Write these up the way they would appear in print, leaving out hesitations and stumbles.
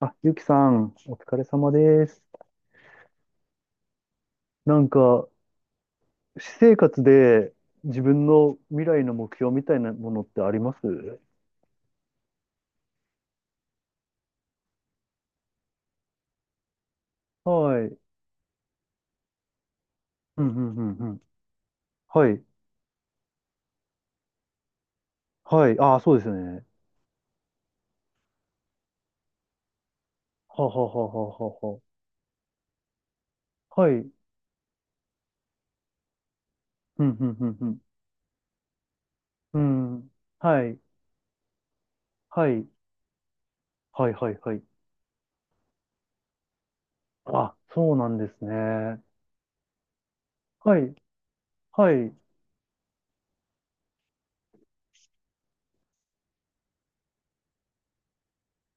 あ、ゆうきさん、お疲れ様です。なんか、私生活で自分の未来の目標みたいなものってあります？はい。うん、うん、うん、うん。はい。はい。ああ、そうですね。はあはあはあはあはあ。はい。うん、うん、うん、うん。うん。はい。はい。はい、はい、はい。あ、そうなんですね。はい。はい。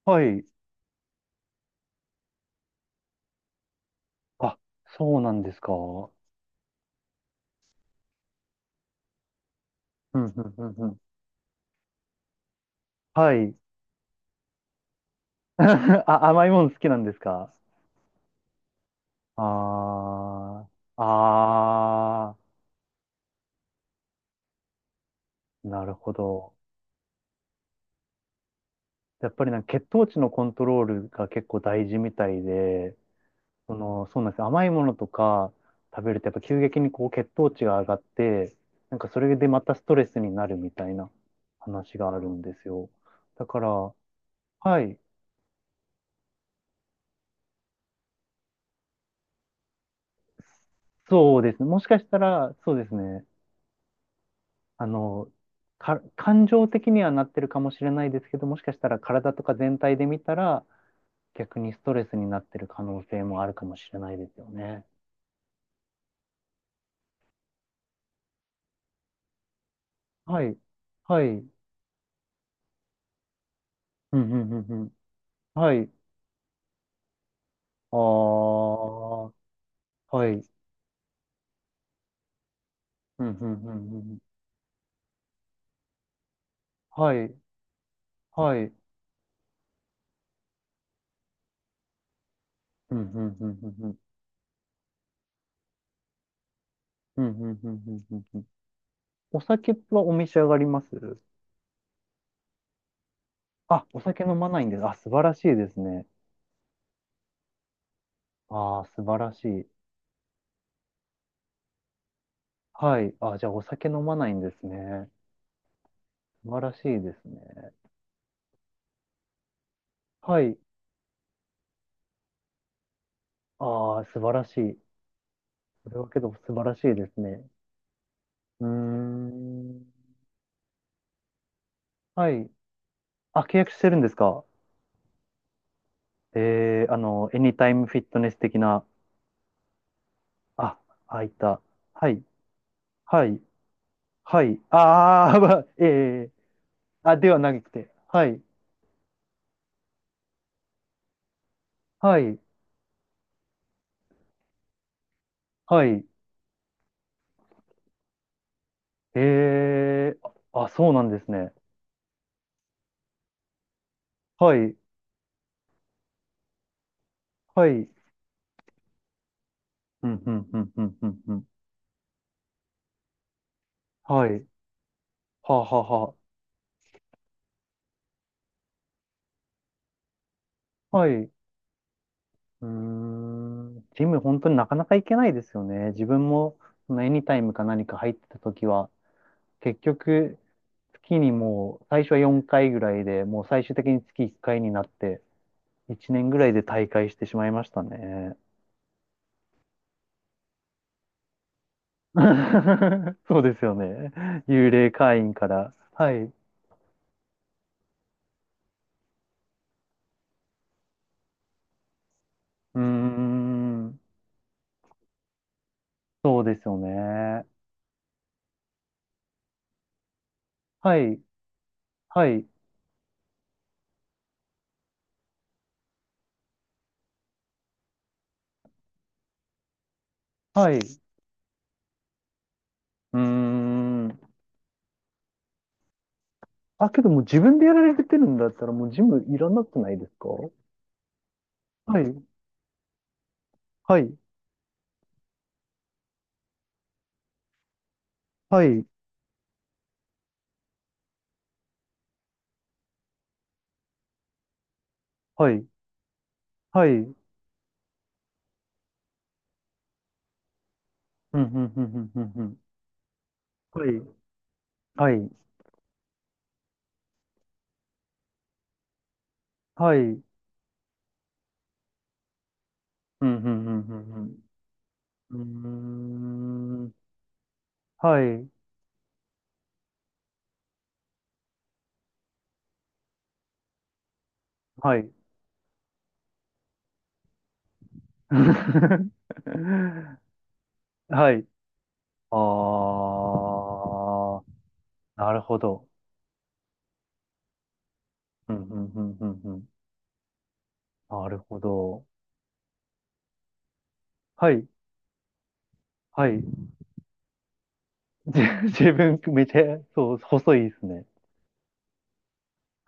はい。あ、そうなんですか。うん、うん、うん、うん。はい。あ、甘いもの好きなんですか？ああ、ああ、なるほど。やっぱり血糖値のコントロールが結構大事みたいで、その、そうなんですよ。甘いものとか食べるとやっぱ急激にこう血糖値が上がって、それでまたストレスになるみたいな話があるんですよ。だから、はい、そうですね。もしかしたら、そうですね。あの、感情的にはなってるかもしれないですけど、もしかしたら体とか全体で見たら、逆にストレスになってる可能性もあるかもしれないですよね。はい。はい。うんうんうんうん。はい。ああ。はい。うんうんうんうんうん。はい。はい。うんうんうんうんうん。うんうんうんうんうんうん。お酒はお召し上がります？あ、お酒飲まないんです。あ、素晴らしいですね。ああ、素晴らしい。はい。あ、じゃあお酒飲まないんですね。素晴らしいですね。はい。ああ、素晴らしい。それはけど素晴らしいですね。うーん。はい。あ、契約してるんですか？えー、エニタイムフィットネス的な、あ、あ、いた。はい。はい。はい。あー、まあ、ええ、あ、ではなくて。はい。はい。はい。ええ、あ、あ、そうなんですね。はい。はい。うん、うん、うん、うん、うん、うん。はい。はあはあはあ。はい。うーん。ジム、本当になかなか行けないですよね。自分も、そのエニタイムか何か入ってた時は、結局、月にもう最初は4回ぐらいで、もう最終的に月1回になって、1年ぐらいで退会してしまいましたね。そうですよね。幽霊会員から。はい。うーん。そうですよね。はい。はい。はい。うーん。あ、けどもう自分でやられてるんだったらもうジムいらなくないですか？はい。はい。はい。はい。はい。うん、うん、うん、うん、うん。うん。はい。はい。はい。うん、うん、うん、うん。うん。うーん。はい。はい。はい。ああ、なるほど。うん、うん、うん、うん、うん。なるほど。はい。はい。じ 自分、めちゃ、そう、細いですね。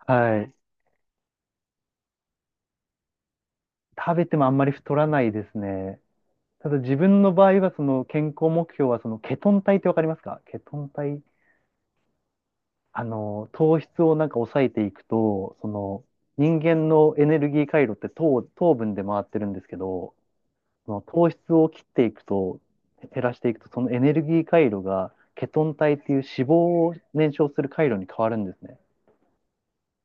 はい。食べてもあんまり太らないですね。ただ自分の場合は、その健康目標は、そのケトン体ってわかりますか？ケトン体。あの、糖質を抑えていくと、その、人間のエネルギー回路って糖分で回ってるんですけど、その糖質を切っていくと、減らしていくと、そのエネルギー回路がケトン体っていう脂肪を燃焼する回路に変わるんですね。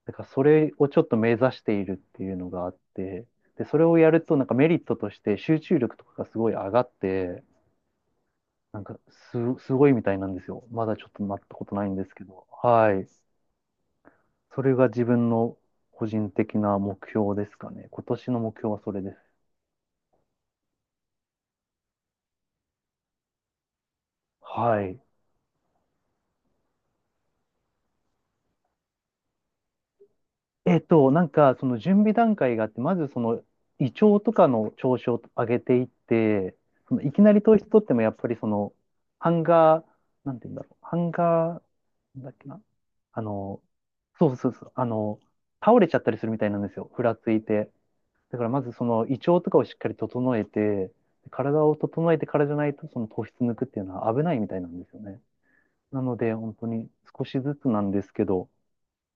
だからそれをちょっと目指しているっていうのがあって、で、それをやるとメリットとして集中力とかがすごい上がって、なんかすごいみたいなんですよ。まだちょっとなったことないんですけど。はい。それが自分の個人的な目標ですかね。今年の目標はそれです。はい。その準備段階があって、まずその胃腸とかの調子を上げていって、そのいきなり糖質取ってもやっぱりその、ハンガー、なんて言うんだろう、ハンガー、なんだっけな、あの、そうそうそう、あの、倒れちゃったりするみたいなんですよ、ふらついて。だからまずその胃腸とかをしっかり整えて、体を整えてからじゃないとその糖質抜くっていうのは危ないみたいなんですよね。なので本当に少しずつなんですけど、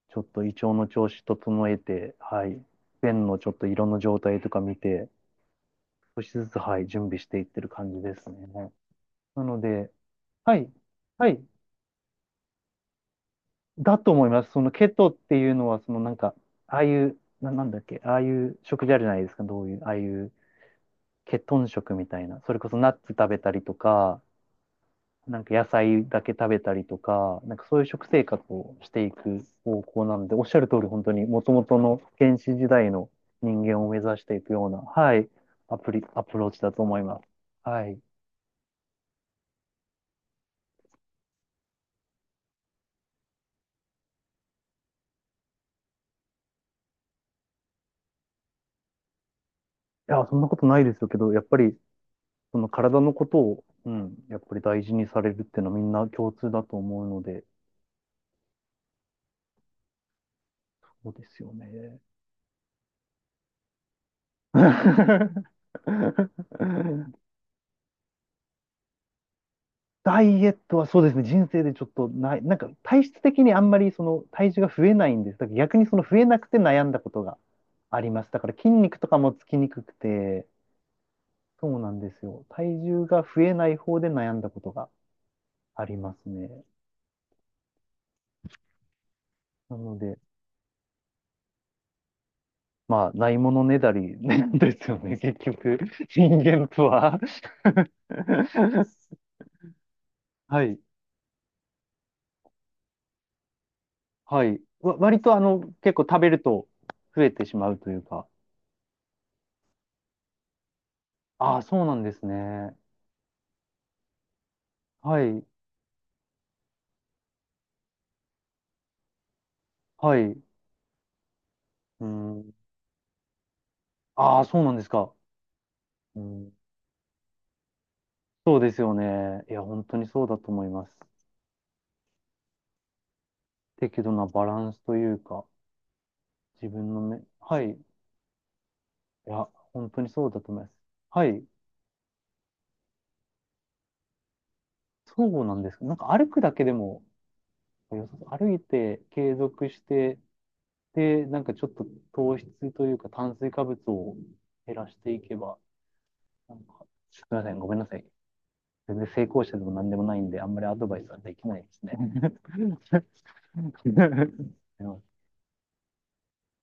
ちょっと胃腸の調子整えて、はい、便のちょっと色の状態とか見て、少しずつ、はい、準備していってる感じですね。なので、はい、はい、だと思います。そのケトっていうのは、そのなんか、ああいう、なんだっけ、ああいう食事あるじゃないですか、どういう、ああいうケトン食みたいな、それこそナッツ食べたりとか、なんか野菜だけ食べたりとか、なんかそういう食生活をしていく方向なので、おっしゃる通り本当に元々の原始時代の人間を目指していくような、はい、アプローチだと思います。はい。いや、そんなことないですけど、やっぱりその体のことを、うん、やっぱり大事にされるっていうのはみんな共通だと思うので、そうですよね。ダイエットはそうですね、人生でちょっとない、なんか体質的にあんまりその体重が増えないんです。だから逆にその増えなくて悩んだことがあります。だから筋肉とかもつきにくくて、そうなんですよ。体重が増えない方で悩んだことがありますね。なので、まあ、ないものねだりね ですよね、結局、人間とは はい、はい。割と結構食べると増えてしまうというか、ああ、そうなんですね。はい、はい。うん。ああ、そうなんですか。うん。そうですよね。いや、本当にそうだと思います。適度なバランスというか、自分の目、はい。いや、本当にそうだと思います。はい。そうなんですか。なんか歩くだけでも良さそう、歩いて継続して、で、なんかちょっと糖質というか炭水化物を減らしていけば、なんか、すみません、ごめんなさい。全然成功者でも何でもないんで、あんまりアドバイスはできないですね。でも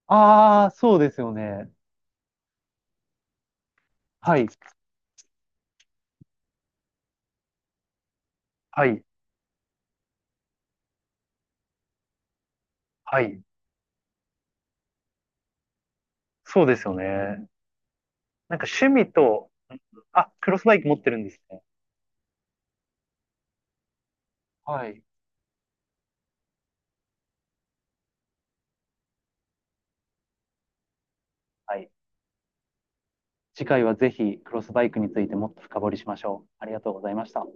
ああ、そうですよね。はい、はい、はい。そうですよね。なんか趣味と、あ、クロスバイク持ってるんですね。はい。はい。次回はぜひクロスバイクについてもっと深掘りしましょう。ありがとうございました。